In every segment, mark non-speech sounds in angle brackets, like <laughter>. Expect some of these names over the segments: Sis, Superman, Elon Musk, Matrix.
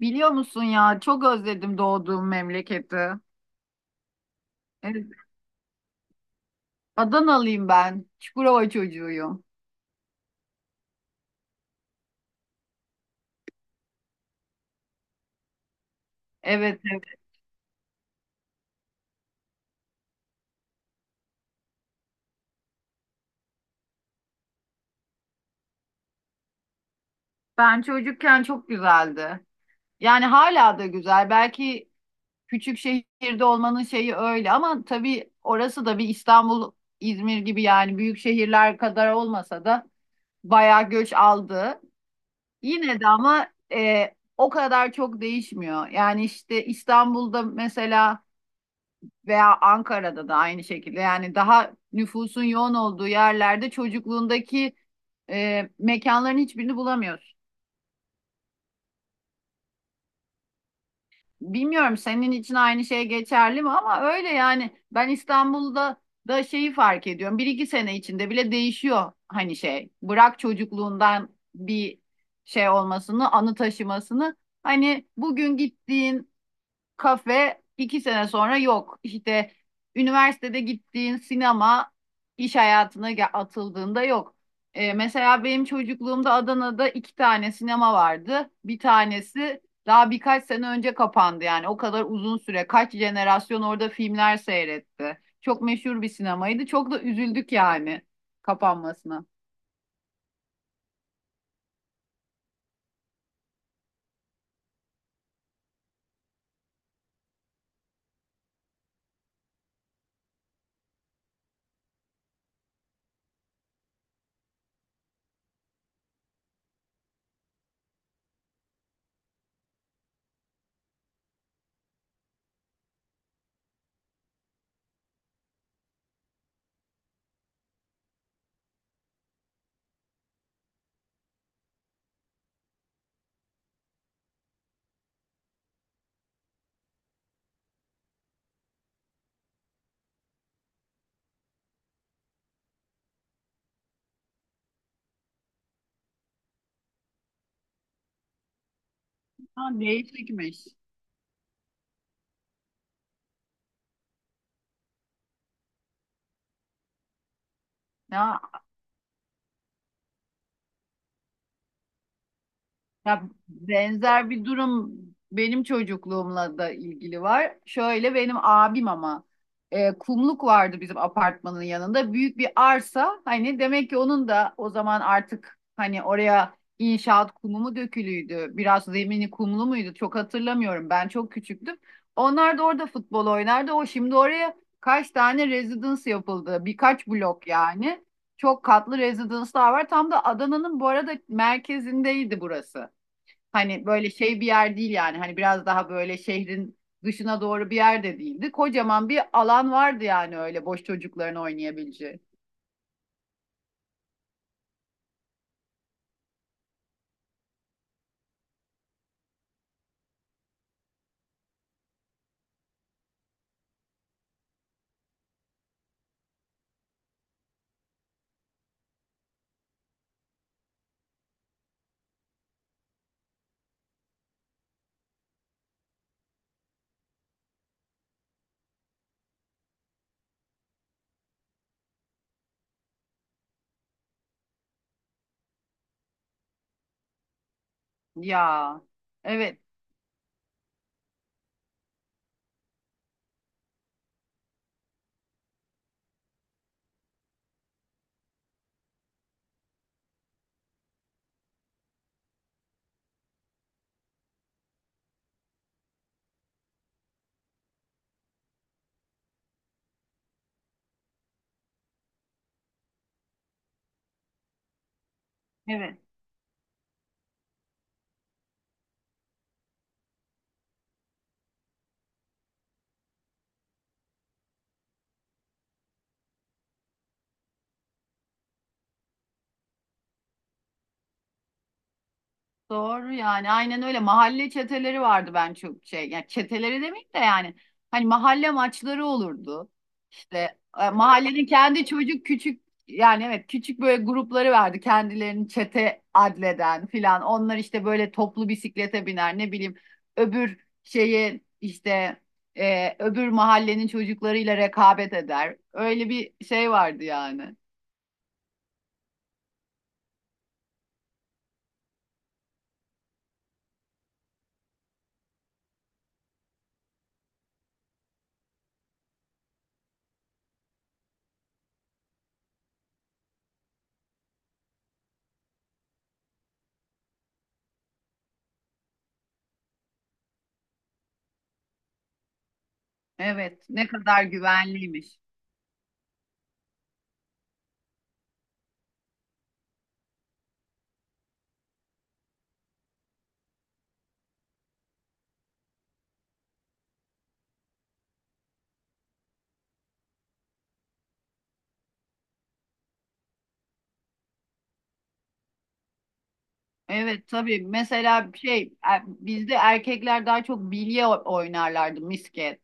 Biliyor musun ya çok özledim doğduğum memleketi. Evet, Adanalıyım ben. Çukurova çocuğuyum. Evet, evet. Ben çocukken çok güzeldi. Yani hala da güzel. Belki küçük şehirde olmanın şeyi öyle ama tabii orası da bir İstanbul, İzmir gibi yani büyük şehirler kadar olmasa da bayağı göç aldı. Yine de ama o kadar çok değişmiyor. Yani işte İstanbul'da mesela veya Ankara'da da aynı şekilde yani daha nüfusun yoğun olduğu yerlerde çocukluğundaki mekanların hiçbirini bulamıyorsun. Bilmiyorum senin için aynı şey geçerli mi ama öyle yani ben İstanbul'da da şeyi fark ediyorum. Bir iki sene içinde bile değişiyor hani şey. Bırak çocukluğundan bir şey olmasını, anı taşımasını. Hani bugün gittiğin kafe iki sene sonra yok. İşte üniversitede gittiğin sinema iş hayatına atıldığında yok. Mesela benim çocukluğumda Adana'da iki tane sinema vardı. Bir tanesi daha birkaç sene önce kapandı yani o kadar uzun süre kaç jenerasyon orada filmler seyretti. Çok meşhur bir sinemaydı. Çok da üzüldük yani kapanmasına. Ha, değişikmiş. Ya Ya, benzer bir durum benim çocukluğumla da ilgili var. Şöyle benim abim ama kumluk vardı bizim apartmanın yanında. Büyük bir arsa hani demek ki onun da o zaman artık hani oraya inşaat kumu mu dökülüydü? Biraz zemini kumlu muydu? Çok hatırlamıyorum. Ben çok küçüktüm. Onlar da orada futbol oynardı. O şimdi oraya kaç tane residence yapıldı? Birkaç blok yani. Çok katlı residence'lar var. Tam da Adana'nın bu arada merkezindeydi burası. Hani böyle şey bir yer değil yani. Hani biraz daha böyle şehrin dışına doğru bir yer de değildi. Kocaman bir alan vardı yani öyle boş çocukların oynayabileceği. Ya. Evet. Evet. Doğru yani aynen öyle mahalle çeteleri vardı, ben çok şey yani çeteleri demeyeyim de yani hani mahalle maçları olurdu işte. Mahallenin kendi çocuk küçük yani evet küçük böyle grupları vardı, kendilerini çete adleden filan. Onlar işte böyle toplu bisiklete biner ne bileyim öbür şeyi işte, öbür mahallenin çocuklarıyla rekabet eder, öyle bir şey vardı yani. Evet, ne kadar güvenliymiş. Evet tabii mesela şey, bizde erkekler daha çok bilye oynarlardı, misket.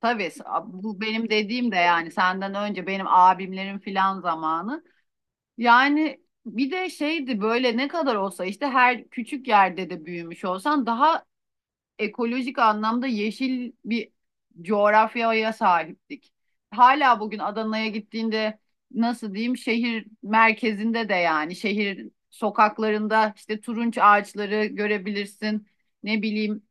Tabii s- Bu benim dediğim de yani senden önce benim abimlerin filan zamanı. Yani bir de şeydi böyle ne kadar olsa işte her küçük yerde de büyümüş olsan daha ekolojik anlamda yeşil bir coğrafyaya sahiptik. Hala bugün Adana'ya gittiğinde nasıl diyeyim şehir merkezinde de yani şehir sokaklarında işte turunç ağaçları görebilirsin. Ne bileyim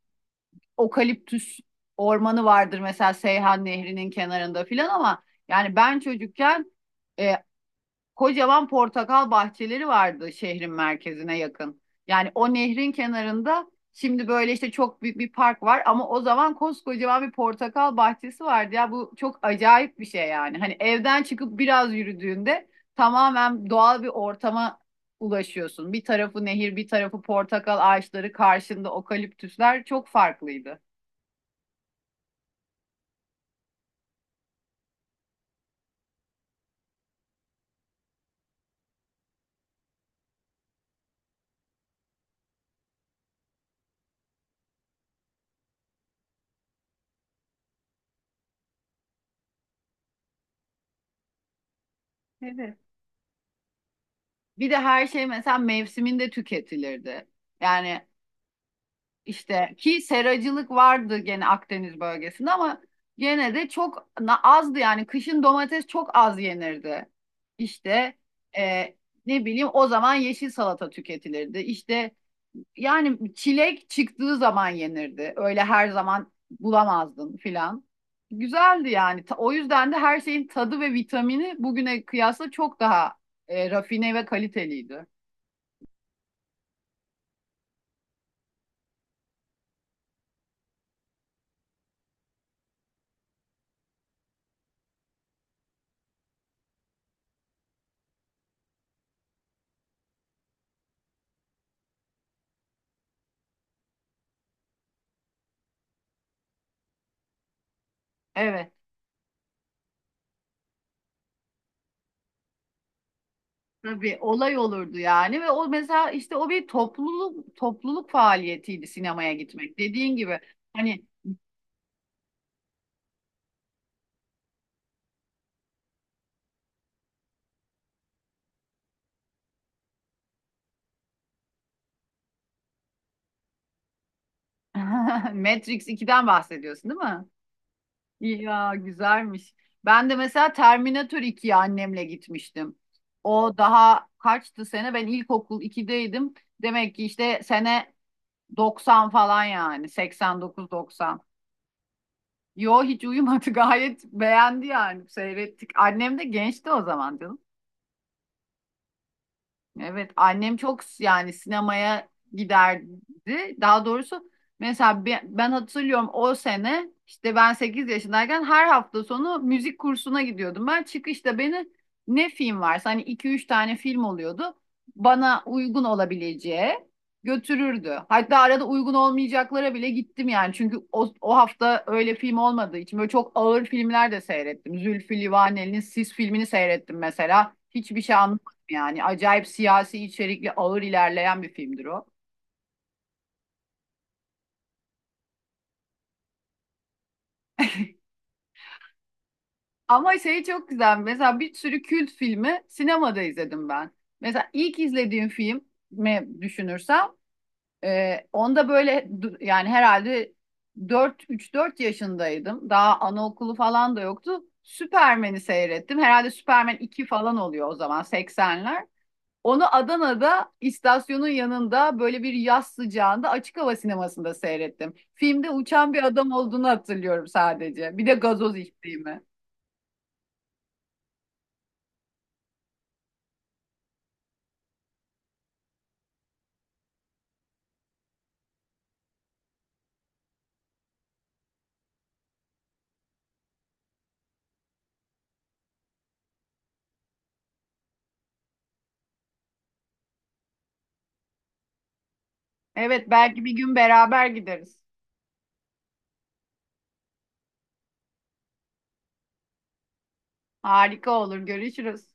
okaliptüs ormanı vardır mesela Seyhan Nehri'nin kenarında filan ama yani ben çocukken, e, kocaman portakal bahçeleri vardı şehrin merkezine yakın. Yani o nehrin kenarında şimdi böyle işte çok büyük bir park var ama o zaman koskocaman bir portakal bahçesi vardı ya, bu çok acayip bir şey yani. Hani evden çıkıp biraz yürüdüğünde tamamen doğal bir ortama ulaşıyorsun. Bir tarafı nehir, bir tarafı portakal ağaçları, karşında okaliptüsler, çok farklıydı. Evet. Bir de her şey mesela mevsiminde tüketilirdi. Yani İşte ki seracılık vardı gene Akdeniz bölgesinde ama gene de çok azdı yani kışın domates çok az yenirdi. İşte e, ne bileyim o zaman yeşil salata tüketilirdi. İşte yani çilek çıktığı zaman yenirdi. Öyle her zaman bulamazdın filan. Güzeldi yani. O yüzden de her şeyin tadı ve vitamini bugüne kıyasla çok daha rafine ve kaliteliydi. Evet. Tabii olay olurdu yani ve o mesela işte o bir topluluk topluluk faaliyetiydi sinemaya gitmek. Dediğin gibi hani. <laughs> Matrix ikiden bahsediyorsun, değil mi? Ya güzelmiş. Ben de mesela Terminator 2'ye annemle gitmiştim. O daha kaçtı sene? Ben ilkokul ikideydim. Demek ki işte sene 90 falan, yani 89-90. Yo, hiç uyumadı. <laughs> Gayet beğendi yani, seyrettik. Annem de gençti o zaman canım. Evet, annem çok yani sinemaya giderdi. Daha doğrusu mesela ben hatırlıyorum o sene işte ben 8 yaşındayken her hafta sonu müzik kursuna gidiyordum. Ben çıkışta beni, ne film varsa hani iki üç tane film oluyordu, bana uygun olabileceği götürürdü. Hatta arada uygun olmayacaklara bile gittim yani. Çünkü o hafta öyle film olmadığı için böyle çok ağır filmler de seyrettim. Zülfü Livaneli'nin Sis filmini seyrettim mesela. Hiçbir şey, yani acayip siyasi içerikli ağır ilerleyen bir filmdir o. Ama şey çok güzel, mesela bir sürü kült filmi sinemada izledim ben. Mesela ilk izlediğim film mi düşünürsem, onda böyle yani herhalde 4 3-4 yaşındaydım. Daha anaokulu falan da yoktu. Superman'i seyrettim. Herhalde Superman 2 falan oluyor o zaman, 80'ler. Onu Adana'da istasyonun yanında böyle bir yaz sıcağında açık hava sinemasında seyrettim. Filmde uçan bir adam olduğunu hatırlıyorum sadece. Bir de gazoz içtiğimi. Evet, belki bir gün beraber gideriz. Harika olur. Görüşürüz.